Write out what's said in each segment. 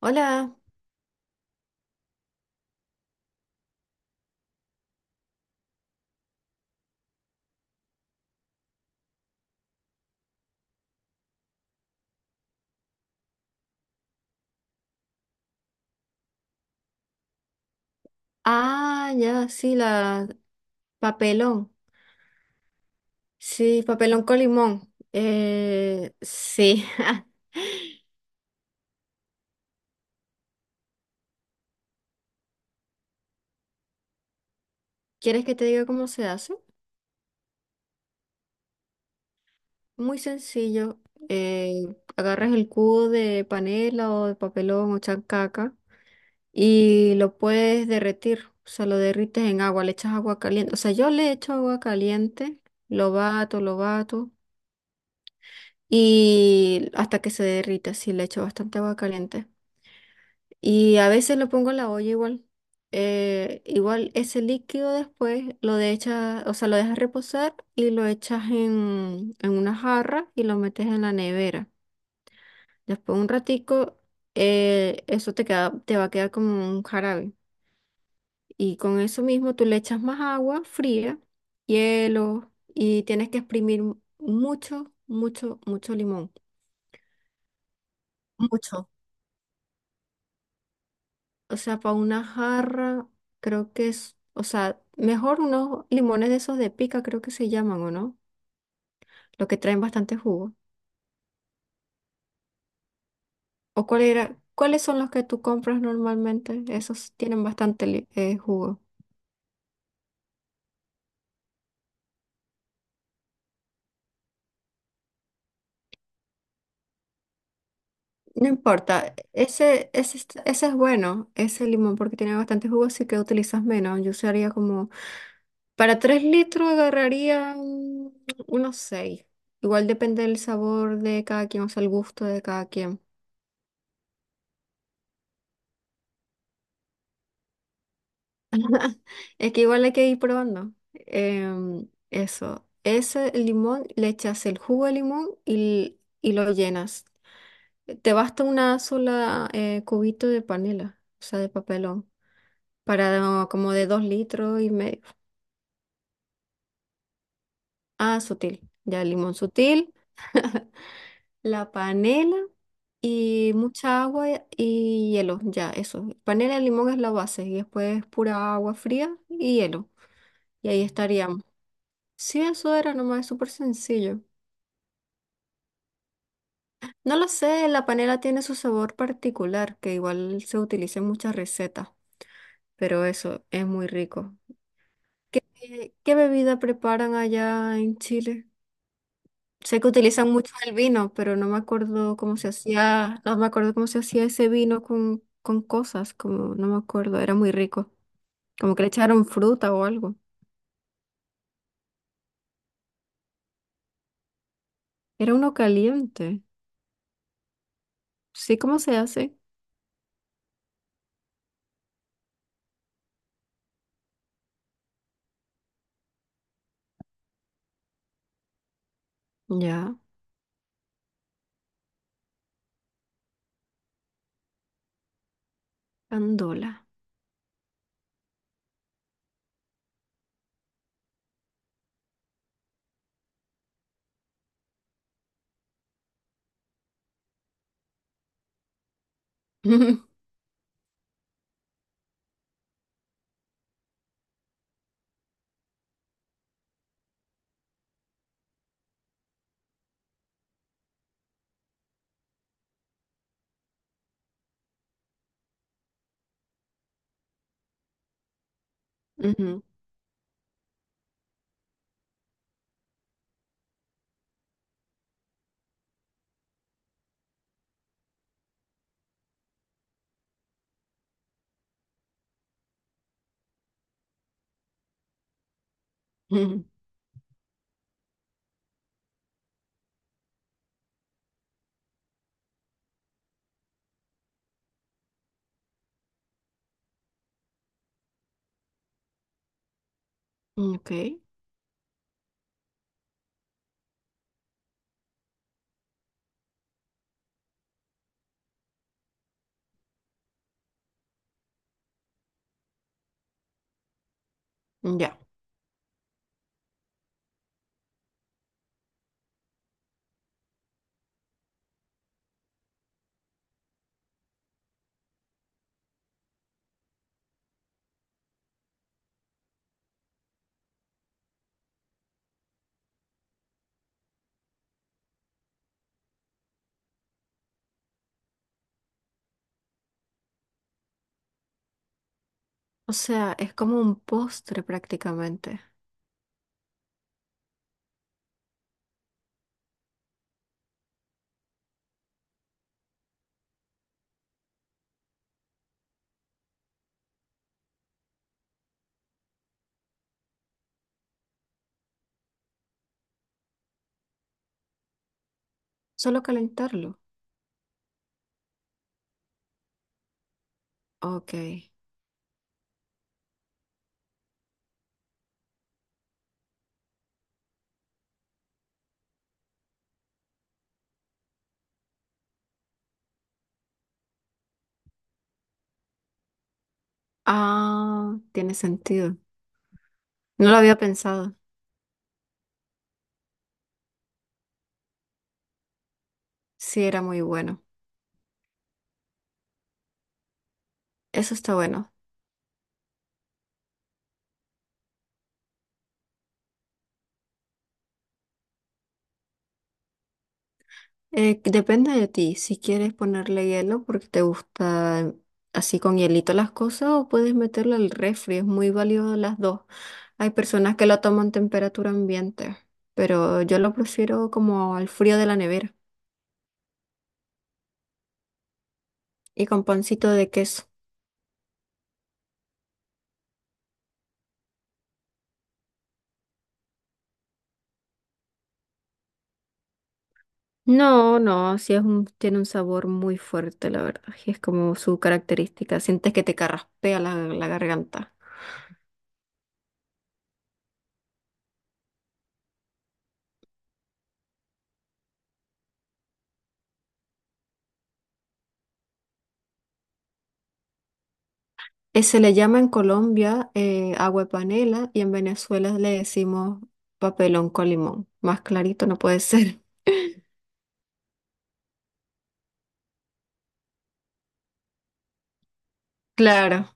Hola. Ah, ya, sí, la papelón. Sí, papelón con limón. Sí. ¿Quieres que te diga cómo se hace? Muy sencillo. Eh, Agarras el cubo de panela o de papelón o chancaca y lo puedes derretir. O sea, lo derrites en agua, le echas agua caliente. O sea, yo le echo agua caliente, lo bato y hasta que se derrita, sí, le echo bastante agua caliente. Y a veces lo pongo en la olla igual. Igual ese líquido después lo dejas, o sea, lo dejas reposar y lo echas en una jarra y lo metes en la nevera. Después un ratico, eso te queda, te va a quedar como un jarabe. Y con eso mismo tú le echas más agua fría, hielo y tienes que exprimir mucho, mucho, mucho limón. Mucho. O sea, para una jarra, creo que es, o sea, mejor unos limones de esos de pica, creo que se llaman, ¿o no? Los que traen bastante jugo. ¿O cuál era, cuáles son los que tú compras normalmente? Esos tienen bastante jugo. No importa, ese es bueno, ese limón, porque tiene bastante jugo, así que utilizas menos. Yo usaría como, para 3 litros agarraría unos 6. Igual depende del sabor de cada quien, o sea, el gusto de cada quien. Es que igual hay que ir probando. Eso. Ese limón, le echas el jugo de limón y lo llenas. Te basta una sola cubito de panela, o sea, de papelón, para no- como de dos litros y medio. Ah, sutil. Ya, limón sutil, la panela y mucha agua y hielo. Ya, eso. Panela y limón es la base y después pura agua fría y hielo. Y ahí estaríamos. Sí, eso era nomás, es súper sencillo. No lo sé, la panela tiene su sabor particular, que igual se utiliza en muchas recetas, pero eso es muy rico. ¿Qué bebida preparan allá en Chile? Sé que utilizan mucho el vino, pero no me acuerdo cómo se hacía, no me acuerdo cómo se hacía ese vino con cosas, como no me acuerdo, era muy rico. Como que le echaron fruta o algo. Era uno caliente. Sí, ¿cómo se hace? Ya, candola. Ujú, ujú, ok, ya. O sea, es como un postre prácticamente. Solo calentarlo. Ok. Ah, tiene sentido. No lo había pensado. Sí, era muy bueno. Eso está bueno. Depende de ti si quieres ponerle hielo porque te gusta así con hielito las cosas o puedes meterlo al refri. Es muy válido las dos. Hay personas que lo toman temperatura ambiente, pero yo lo prefiero como al frío de la nevera y con pancito de queso. No, no, sí es un, tiene un sabor muy fuerte, la verdad. Y es como su característica. Sientes que te carraspea la, la garganta. Se le llama en Colombia agua de panela y en Venezuela le decimos papelón con limón. Más clarito no puede ser. Claro,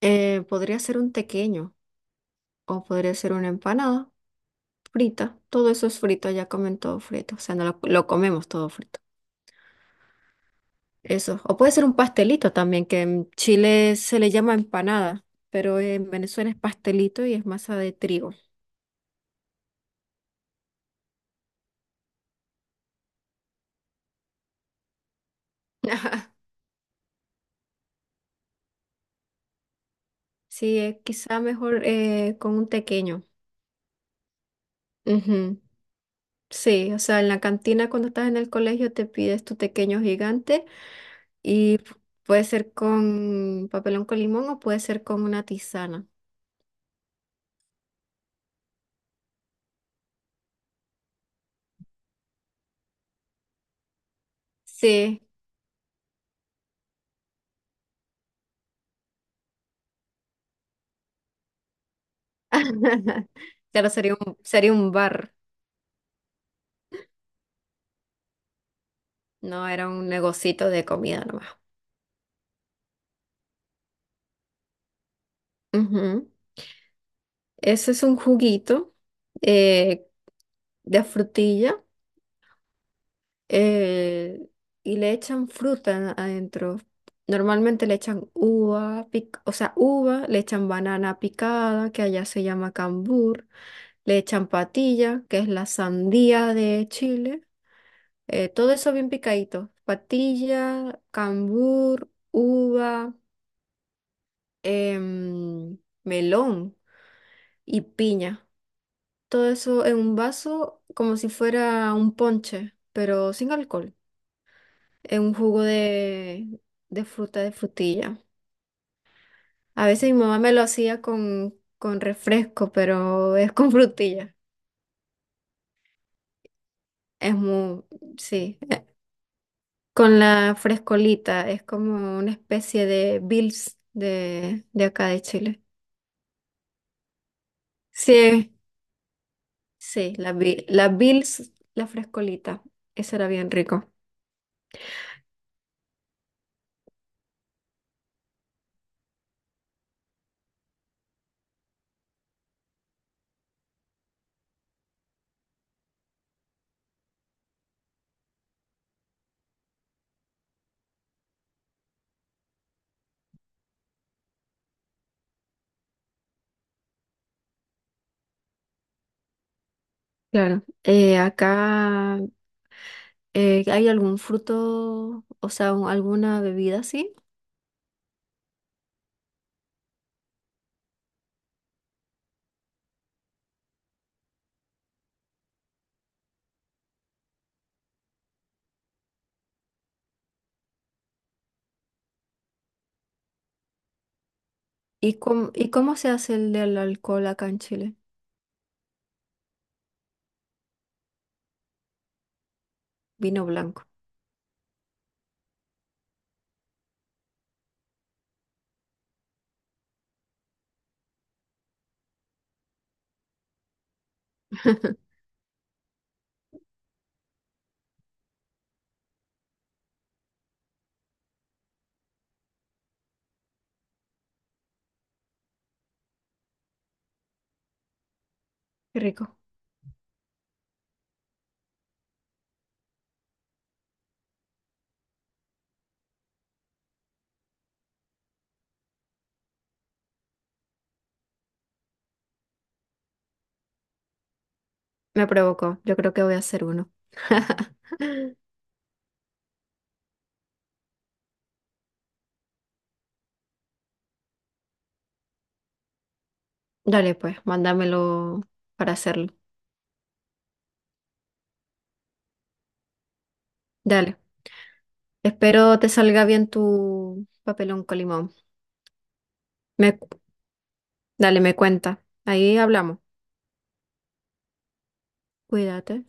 podría ser un tequeño o podría ser una empanada frita. Todo eso es frito, ya comen todo frito. O sea, no lo comemos todo frito. Eso. O puede ser un pastelito también, que en Chile se le llama empanada, pero en Venezuela es pastelito y es masa de trigo. Sí, es quizá mejor con un tequeño. Ujú. Sí, o sea, en la cantina cuando estás en el colegio te pides tu tequeño gigante y puede ser con papelón con limón o puede ser con una tisana. Sí. Claro, sería un bar, no era un negocito de comida nomás. Ujú. Ese es un juguito eh, de frutilla eh, y le echan fruta adentro. Normalmente le echan uva, pic- o sea, uva, le echan banana picada, que allá se llama cambur, le echan patilla, que es la sandía de Chile. Todo eso bien picadito. Patilla, cambur, uva, em, melón y piña. Todo eso en un vaso como si fuera un ponche, pero sin alcohol, en un jugo de fruta, de frutilla. A veces mi mamá me lo hacía con refresco, pero es con frutilla. Es muy, sí, con la frescolita, es como una especie de Bills de acá de Chile. Sí, sí, la Bills, la frescolita, eso era bien rico. Claro, acá. ¿Hay algún fruto, o sea, alguna bebida así? ¿Y cómo se hace el del alcohol acá en Chile? Vino blanco. Qué rico. Me provocó. Yo creo que voy a hacer uno. Dale, pues, mándamelo para hacerlo. Dale. Espero te salga bien tu papelón con limón. Me, dale, me cuenta. Ahí hablamos. Cuídate.